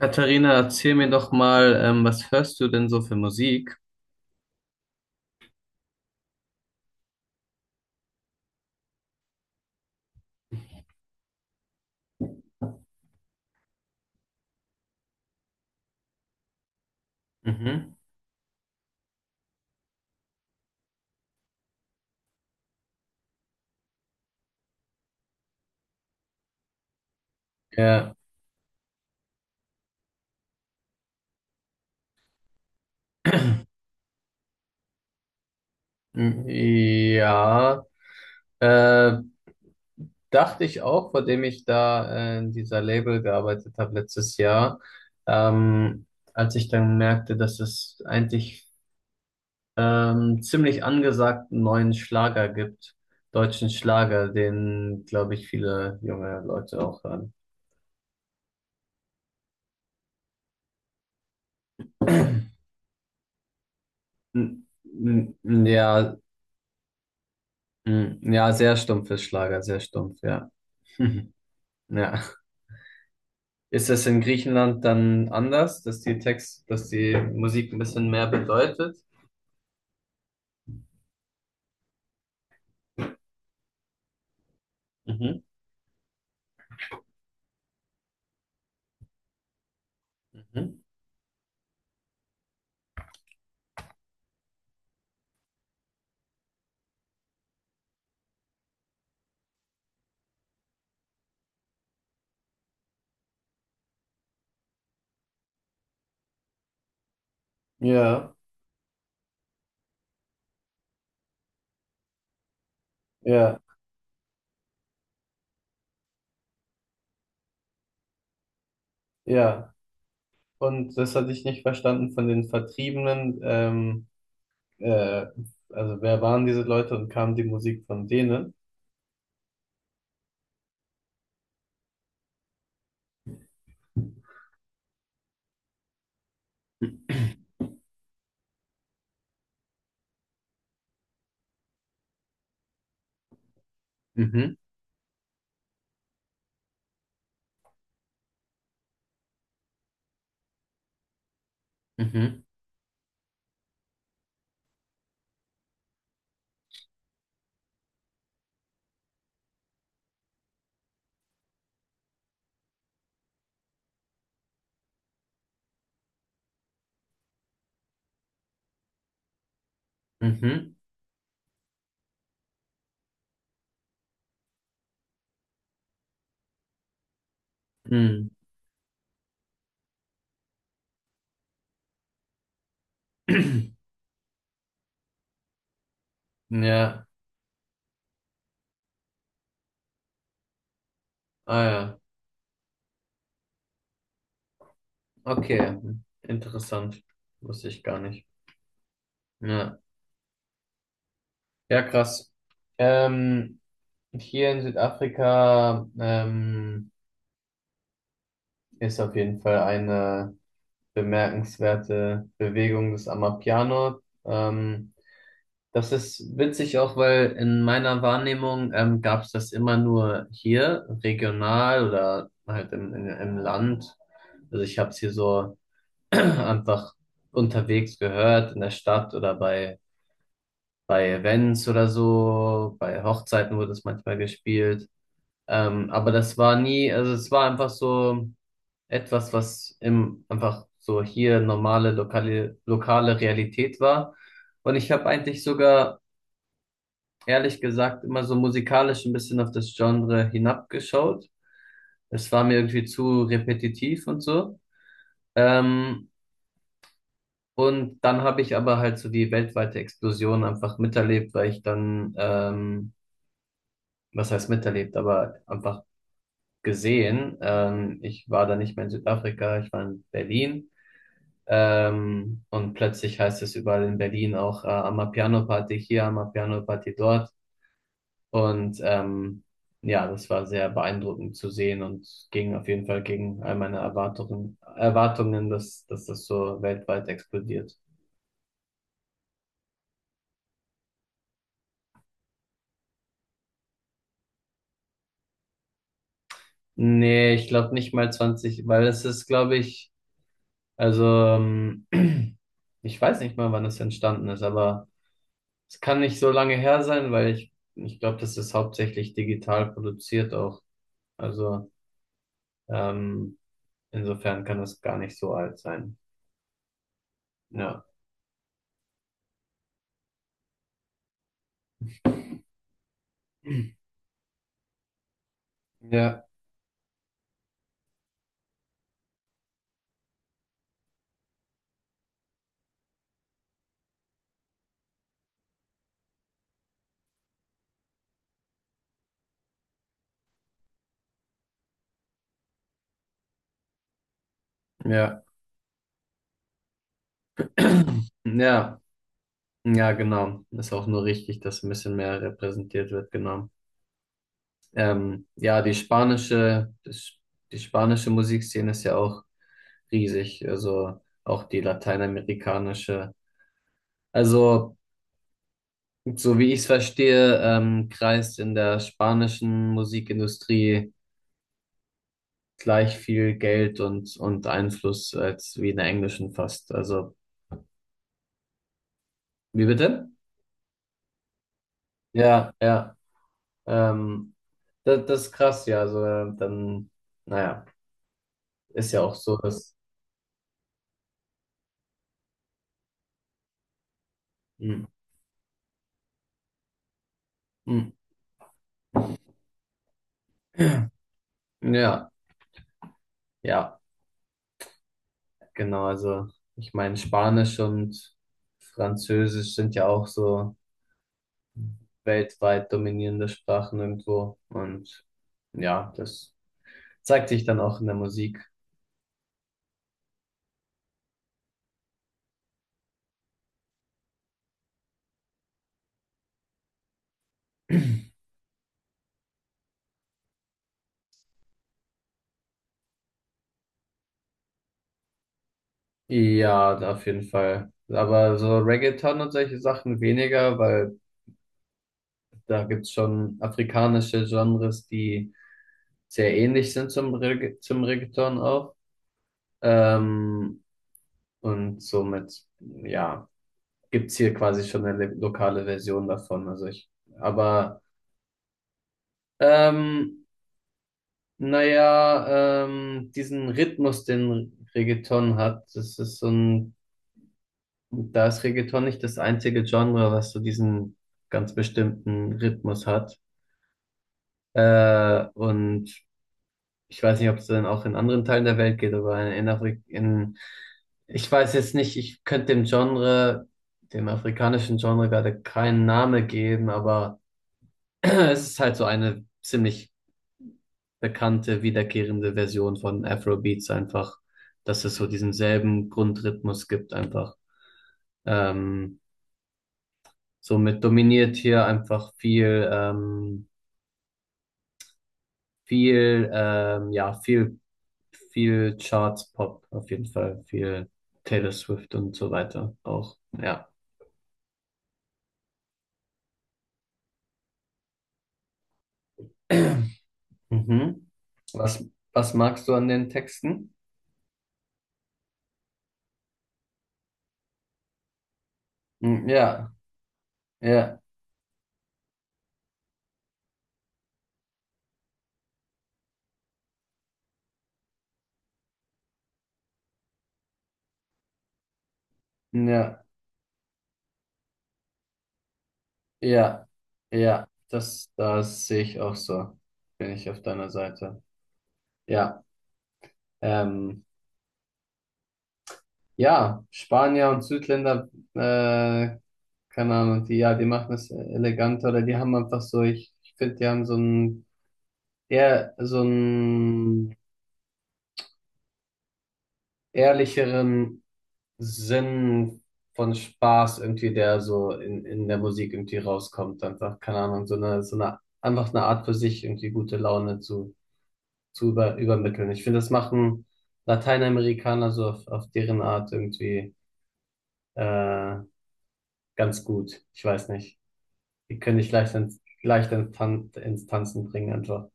Katharina, erzähl mir doch mal, was hörst du denn so für Musik? Mhm. Ja, ja, äh, dachte ich auch, vor dem ich da in dieser Label gearbeitet habe letztes Jahr, ähm, als ich dann merkte, dass es eigentlich ziemlich angesagten neuen Schlager gibt, deutschen Schlager, den, glaube ich, viele junge Leute auch hören. N n ja, n ja, sehr stumpfes Schlager, sehr stumpf, ja. Ja. Ist das in Griechenland dann anders, dass die Text, dass die Musik ein bisschen mehr bedeutet? Mhm. Mhm. Ja, ja, ja. Und das hatte ich nicht verstanden von den Vertriebenen. Äh, also wer waren diese Leute und kam die Musik von denen? Mhm. Mhm. Mhm. Mhm. Ja, ah ja. Okay. Interessant. Wusste ich gar nicht. Ja. Ja, krass. Ähm, Und hier in Südafrika ist auf jeden Fall eine bemerkenswerte Bewegung des Amapiano. Ähm, Das ist witzig auch, weil in meiner Wahrnehmung gab es das immer nur hier, regional oder halt im Land. Also ich habe es hier so einfach unterwegs gehört, in der Stadt oder bei Events oder so. Bei Hochzeiten wurde es manchmal gespielt. Aber das war nie, also es war einfach so etwas, was im, einfach so hier normale lokale, lokale Realität war. Und ich habe eigentlich sogar, ehrlich gesagt, immer so musikalisch ein bisschen auf das Genre hinabgeschaut. Es war mir irgendwie zu repetitiv und so. Ähm, und dann habe ich aber halt so die weltweite Explosion einfach miterlebt, weil ich was heißt miterlebt, aber einfach gesehen. Ich war da nicht mehr in Südafrika, ich war in Berlin. Und plötzlich heißt es überall in Berlin auch Amapiano Party hier, Amapiano Party dort. Und ja, das war sehr beeindruckend zu sehen und ging auf jeden Fall gegen all meine Erwartungen, dass das so weltweit explodiert. Nee, ich glaube nicht mal 20, weil es ist, glaube ich, also ich weiß nicht mal, wann es entstanden ist, aber es kann nicht so lange her sein, weil ich glaube, das ist hauptsächlich digital produziert auch. Also ähm, insofern kann das gar nicht so alt sein. Ja. Ja, ja. Ja, ja, genau. Ist auch nur richtig, dass ein bisschen mehr repräsentiert wird, genau. Ja, die die spanische Musikszene ist ja auch riesig. Also auch die lateinamerikanische. Also so wie ich es verstehe, kreist in der spanischen Musikindustrie gleich viel Geld und Einfluss als wie in der englischen fast. Also, wie bitte? Ja, ja. Ähm, Das, das ist krass, ja. Also, naja, ist ja auch so, dass. Hm, hm, ja, ja, genau. Also, ich meine, Spanisch und Französisch sind ja auch so weltweit dominierende Sprachen irgendwo. Und ja, das. Zeigt sich dann auch in der Musik. Ja, auf jeden Fall. Aber so Reggaeton und solche Sachen weniger, weil da gibt's schon afrikanische Genres, die sehr ähnlich sind zum Reggaeton auch. Ähm, und somit, ja, gibt's hier quasi schon eine lokale Version davon. Also ich, aber ähm, naja, diesen Rhythmus, den Reggaeton hat, das ist so ein Da ist Reggaeton nicht das einzige Genre, was so diesen ganz bestimmten Rhythmus hat. Und ich weiß nicht, ob es dann auch in anderen Teilen der Welt geht, aber in, Afri- in ich weiß jetzt nicht, ich könnte dem Genre, dem afrikanischen Genre gerade keinen Namen geben, aber es ist halt so eine ziemlich bekannte, wiederkehrende Version von Afrobeats einfach, dass es so diesen selben Grundrhythmus gibt einfach. Ähm, Somit dominiert hier einfach viel, ja, viel Charts Pop auf jeden Fall, viel Taylor Swift und so weiter auch, ja. Mhm. Was, Was magst du an den Texten? Hm, ja, ja, ja, ja, ja, das sehe ich auch so. Bin ich auf deiner Seite. Ja, ähm. Ja, Spanier und Südländer, äh, keine Ahnung, die, ja, die machen das eleganter oder die haben einfach so, ich finde, die haben so einen eher, so einen ehrlicheren Sinn von Spaß irgendwie, der so in der Musik irgendwie rauskommt. Einfach, keine Ahnung, einfach eine Art für sich irgendwie gute Laune zu übermitteln. Ich finde, das machen Lateinamerikaner so auf deren Art irgendwie, äh, ganz gut. Ich weiß nicht. Die können dich leicht ins, Tan ins Tanzen bringen, einfach.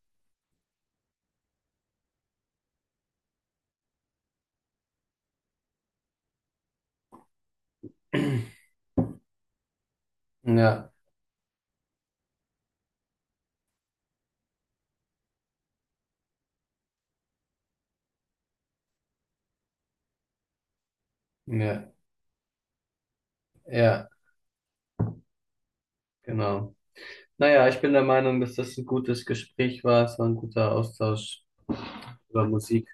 Ja, ja, ja, genau. Naja, ich bin der Meinung, dass das ein gutes Gespräch war. Es war ein guter Austausch über Musik.